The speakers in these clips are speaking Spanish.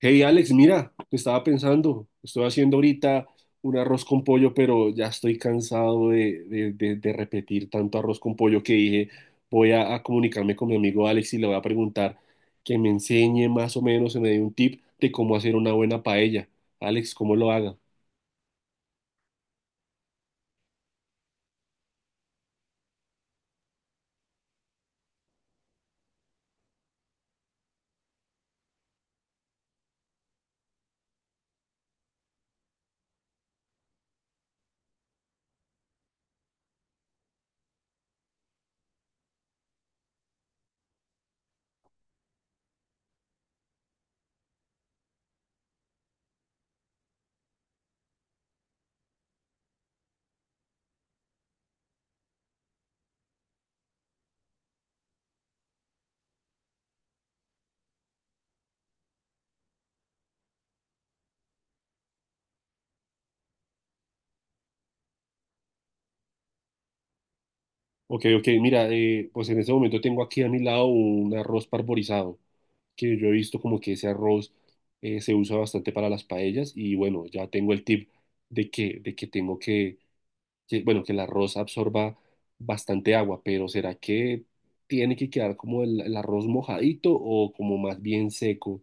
Hey Alex, mira, estaba pensando, estoy haciendo ahorita un arroz con pollo, pero ya estoy cansado de repetir tanto arroz con pollo que dije, voy a comunicarme con mi amigo Alex y le voy a preguntar que me enseñe más o menos, se me dé un tip de cómo hacer una buena paella. Alex, ¿cómo lo haga? Ok, ok, mira, pues en este momento tengo aquí a mi lado un arroz parborizado, que yo he visto como que ese arroz se usa bastante para las paellas y bueno, ya tengo el tip de que tengo que, bueno, que el arroz absorba bastante agua, pero ¿será que tiene que quedar como el arroz mojadito o como más bien seco?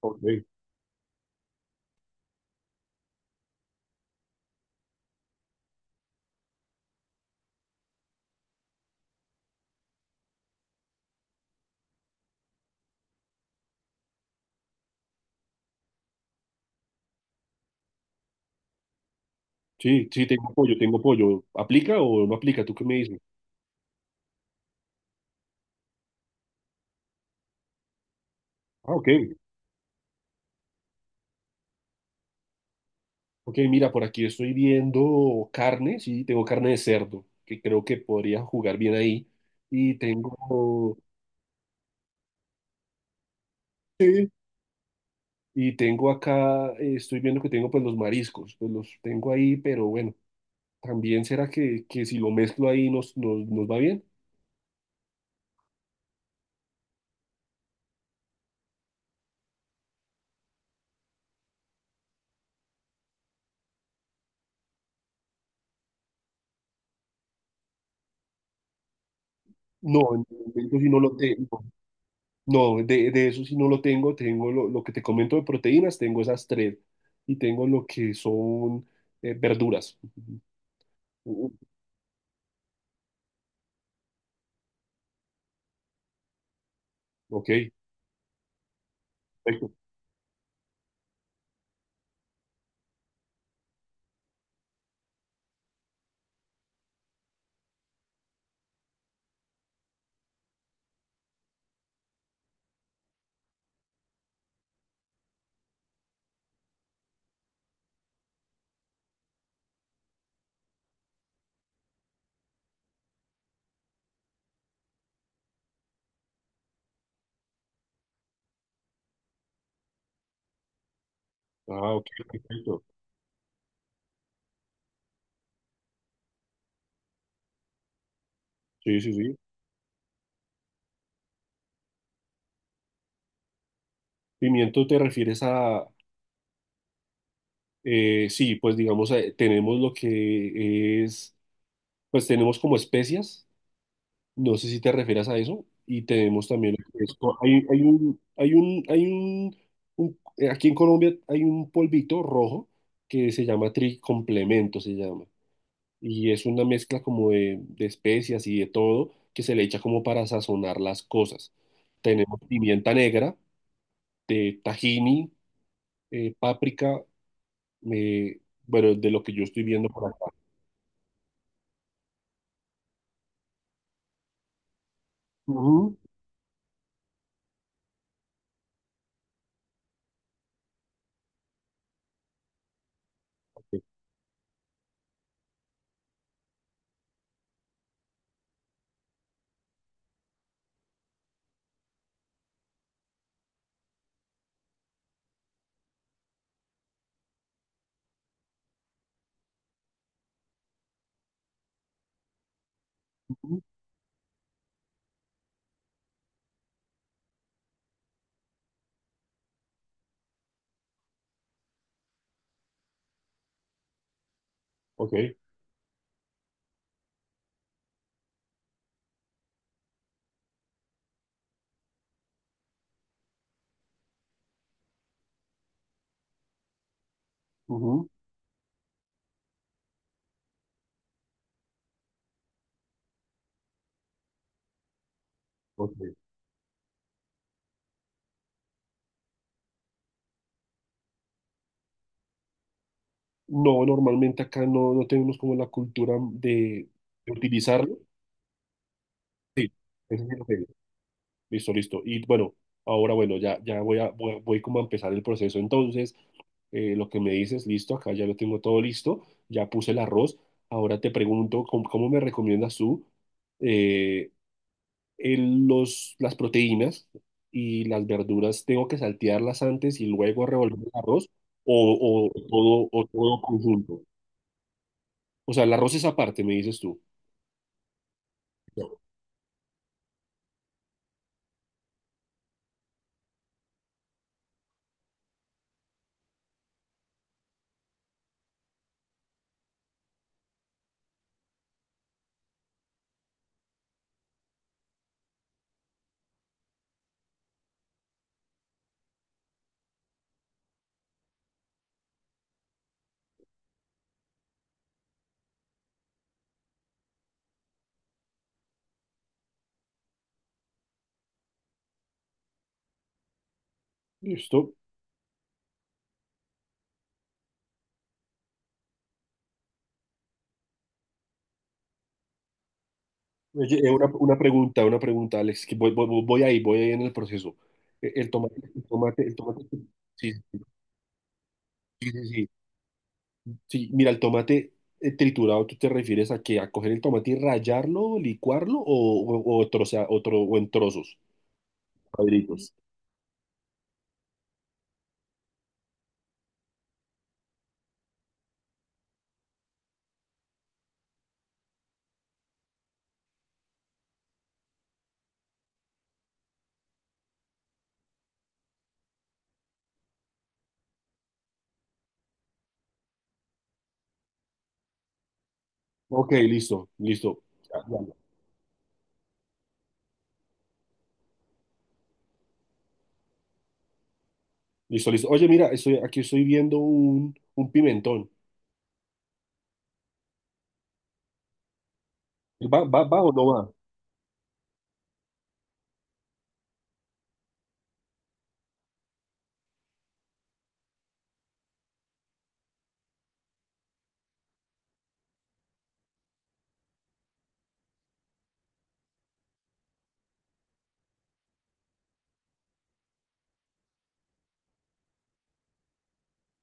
Ok. Sí, sí, tengo pollo, tengo pollo. ¿Aplica o no aplica? ¿Tú qué me dices? Ah, ok. Ok, mira, por aquí estoy viendo carne, sí, tengo carne de cerdo, que creo que podría jugar bien ahí. Y tengo, sí, y tengo acá, estoy viendo que tengo pues los mariscos, pues los tengo ahí, pero bueno. También será que si lo mezclo ahí nos va bien. No, en el momento sí no lo tengo. No, de eso sí no lo tengo. Tengo lo que te comento de proteínas, tengo esas tres. Y tengo lo que son verduras. Uh, ok, perfecto. Ah, ok, perfecto. Sí, sí, sí. ¿Pimiento te refieres a? Sí, pues digamos, tenemos lo que es, pues tenemos como especias, no sé si te refieras a eso, y tenemos también lo que es co- hay un, un- aquí en Colombia hay un polvito rojo que se llama tricomplemento, se llama, y es una mezcla como de especias y de todo que se le echa como para sazonar las cosas. Tenemos pimienta negra, de tahini, páprica, eh, bueno, de lo que yo estoy viendo por aquí. Ujú, ok. Ujú. Ok, ujú. Ok. No, normalmente acá no, no tenemos como la cultura de utilizarlo. Sí, eso sí lo tengo. Listo, listo. Y bueno, ahora bueno, ya, ya voy a, voy, voy como a empezar el proceso. Entonces, lo que me dices, listo, acá ya lo tengo todo listo, ya puse el arroz. Ahora te pregunto, ¿cómo, cómo me recomiendas tú? Eh, el- los, las proteínas y las verduras tengo que saltearlas antes y luego revolver el arroz o todo conjunto. O sea, el arroz es aparte, me dices tú. No. Listo. Oye, una pregunta, Alex, que voy, voy, voy ahí, voy ahí en el proceso. El tomate, el tomate, el tomate, sí, sí, sí, sí. Sí, mira, el tomate triturado, ¿tú te refieres a? Que ¿A coger el tomate y rallarlo, licuarlo o, troza- o tro- o en trozos, cuadritos? Ok, listo, listo. Ya, ya, ya. Listo, listo. Oye, mira, estoy, aquí estoy viendo un pimentón. ¿Va, va, va o no va?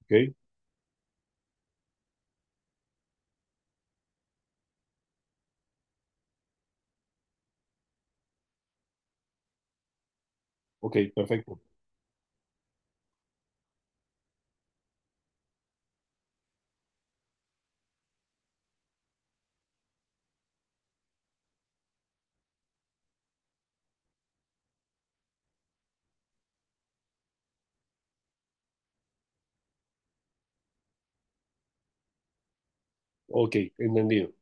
Ok, ok, perfecto. Ok, entendido.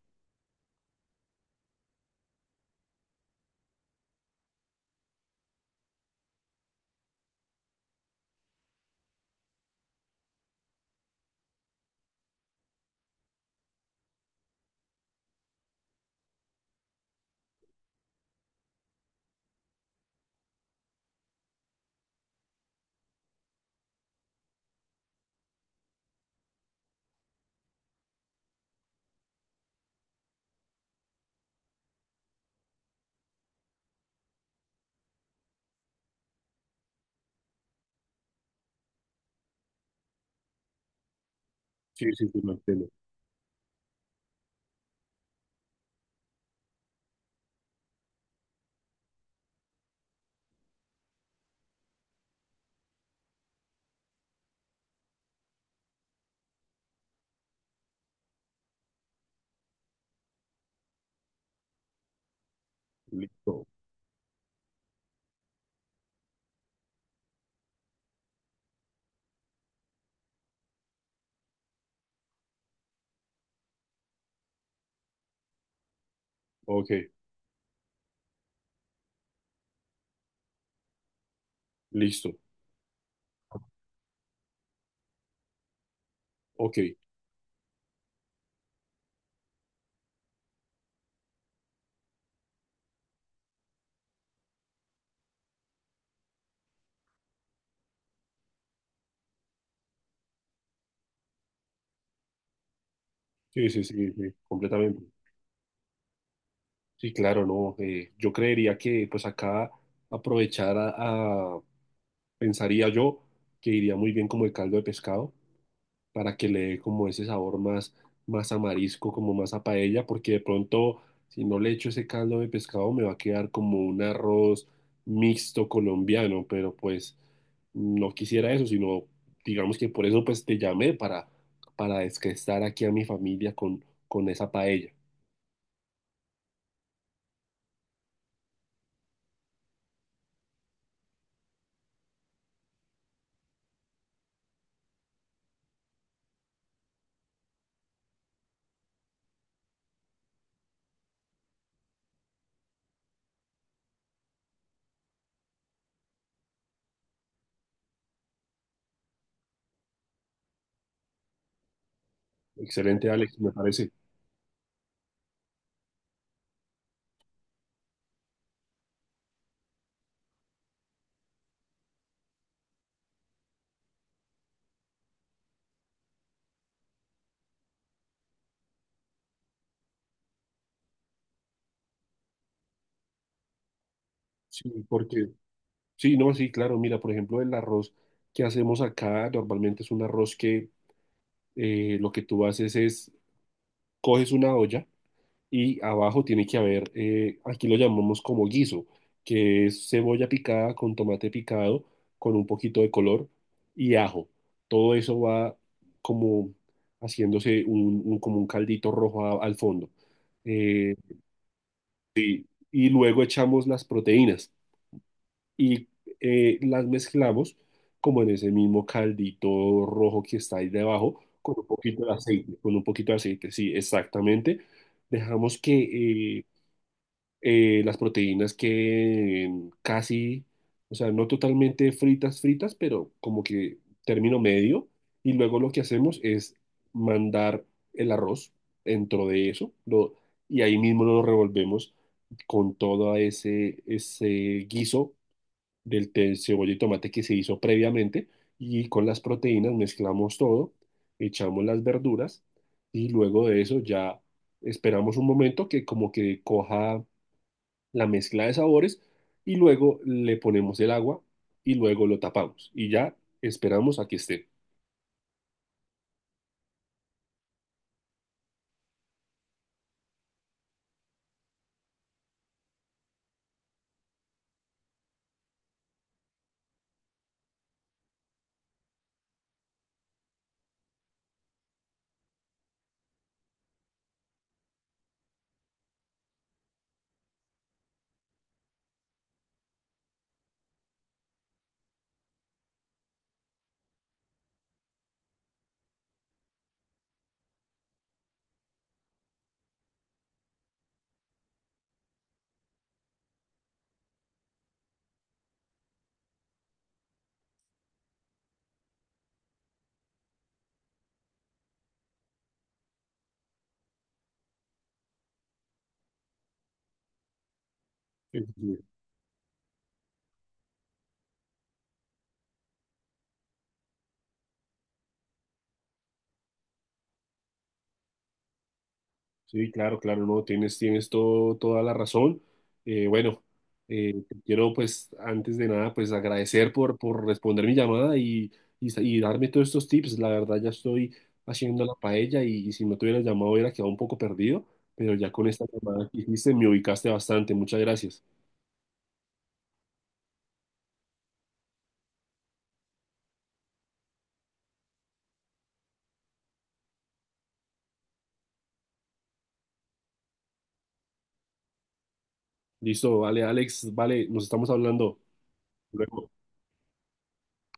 Sí, sí, sí, lo entiendo. Listo. Ok, listo. Ok. Sí, sí, sí, sí, completamente. Sí, claro, no. Eh, yo creería que pues acá aprovechar a- pensaría yo que iría muy bien como el caldo de pescado, para que le dé como ese sabor más, más a marisco, como más a paella, porque de pronto si no le echo ese caldo de pescado me va a quedar como un arroz mixto colombiano, pero pues no quisiera eso, sino digamos que por eso pues te llamé para estar aquí a mi familia con esa paella. Excelente, Alex, me parece. Sí, porque, sí, no, sí, claro, mira, por ejemplo, el arroz que hacemos acá normalmente es un arroz que lo que tú haces es, coges una olla, y abajo tiene que haber, aquí lo llamamos como guiso, que es cebolla picada con tomate picado, con un poquito de color y ajo. Todo eso va como haciéndose un- como un caldito rojo a- al fondo. Eh, y luego echamos las proteínas y las mezclamos como en ese mismo caldito rojo que está ahí debajo, con un poquito de aceite, con un poquito de aceite, sí, exactamente. Dejamos que eh, las proteínas que casi, o sea, no totalmente fritas, fritas, pero como que término medio. Y luego lo que hacemos es mandar el arroz dentro de eso, lo, y ahí mismo lo revolvemos con todo ese guiso del te- cebolla y tomate que se hizo previamente. Y con las proteínas mezclamos todo, echamos las verduras y luego de eso ya esperamos un momento que como que coja la mezcla de sabores y luego le ponemos el agua y luego lo tapamos y ya esperamos a que esté. Sí, sí, claro, claro, no, tienes, tienes todo, toda la razón. Bueno, te quiero pues antes de nada pues agradecer por responder mi llamada y, sa- y darme todos estos tips. La verdad ya estoy haciendo la paella y si no te hubieras llamado hubiera quedado un poco perdido, pero ya con esta llamada que hiciste me ubicaste bastante. Muchas gracias. Listo, vale, Alex, vale, nos estamos hablando. Luego.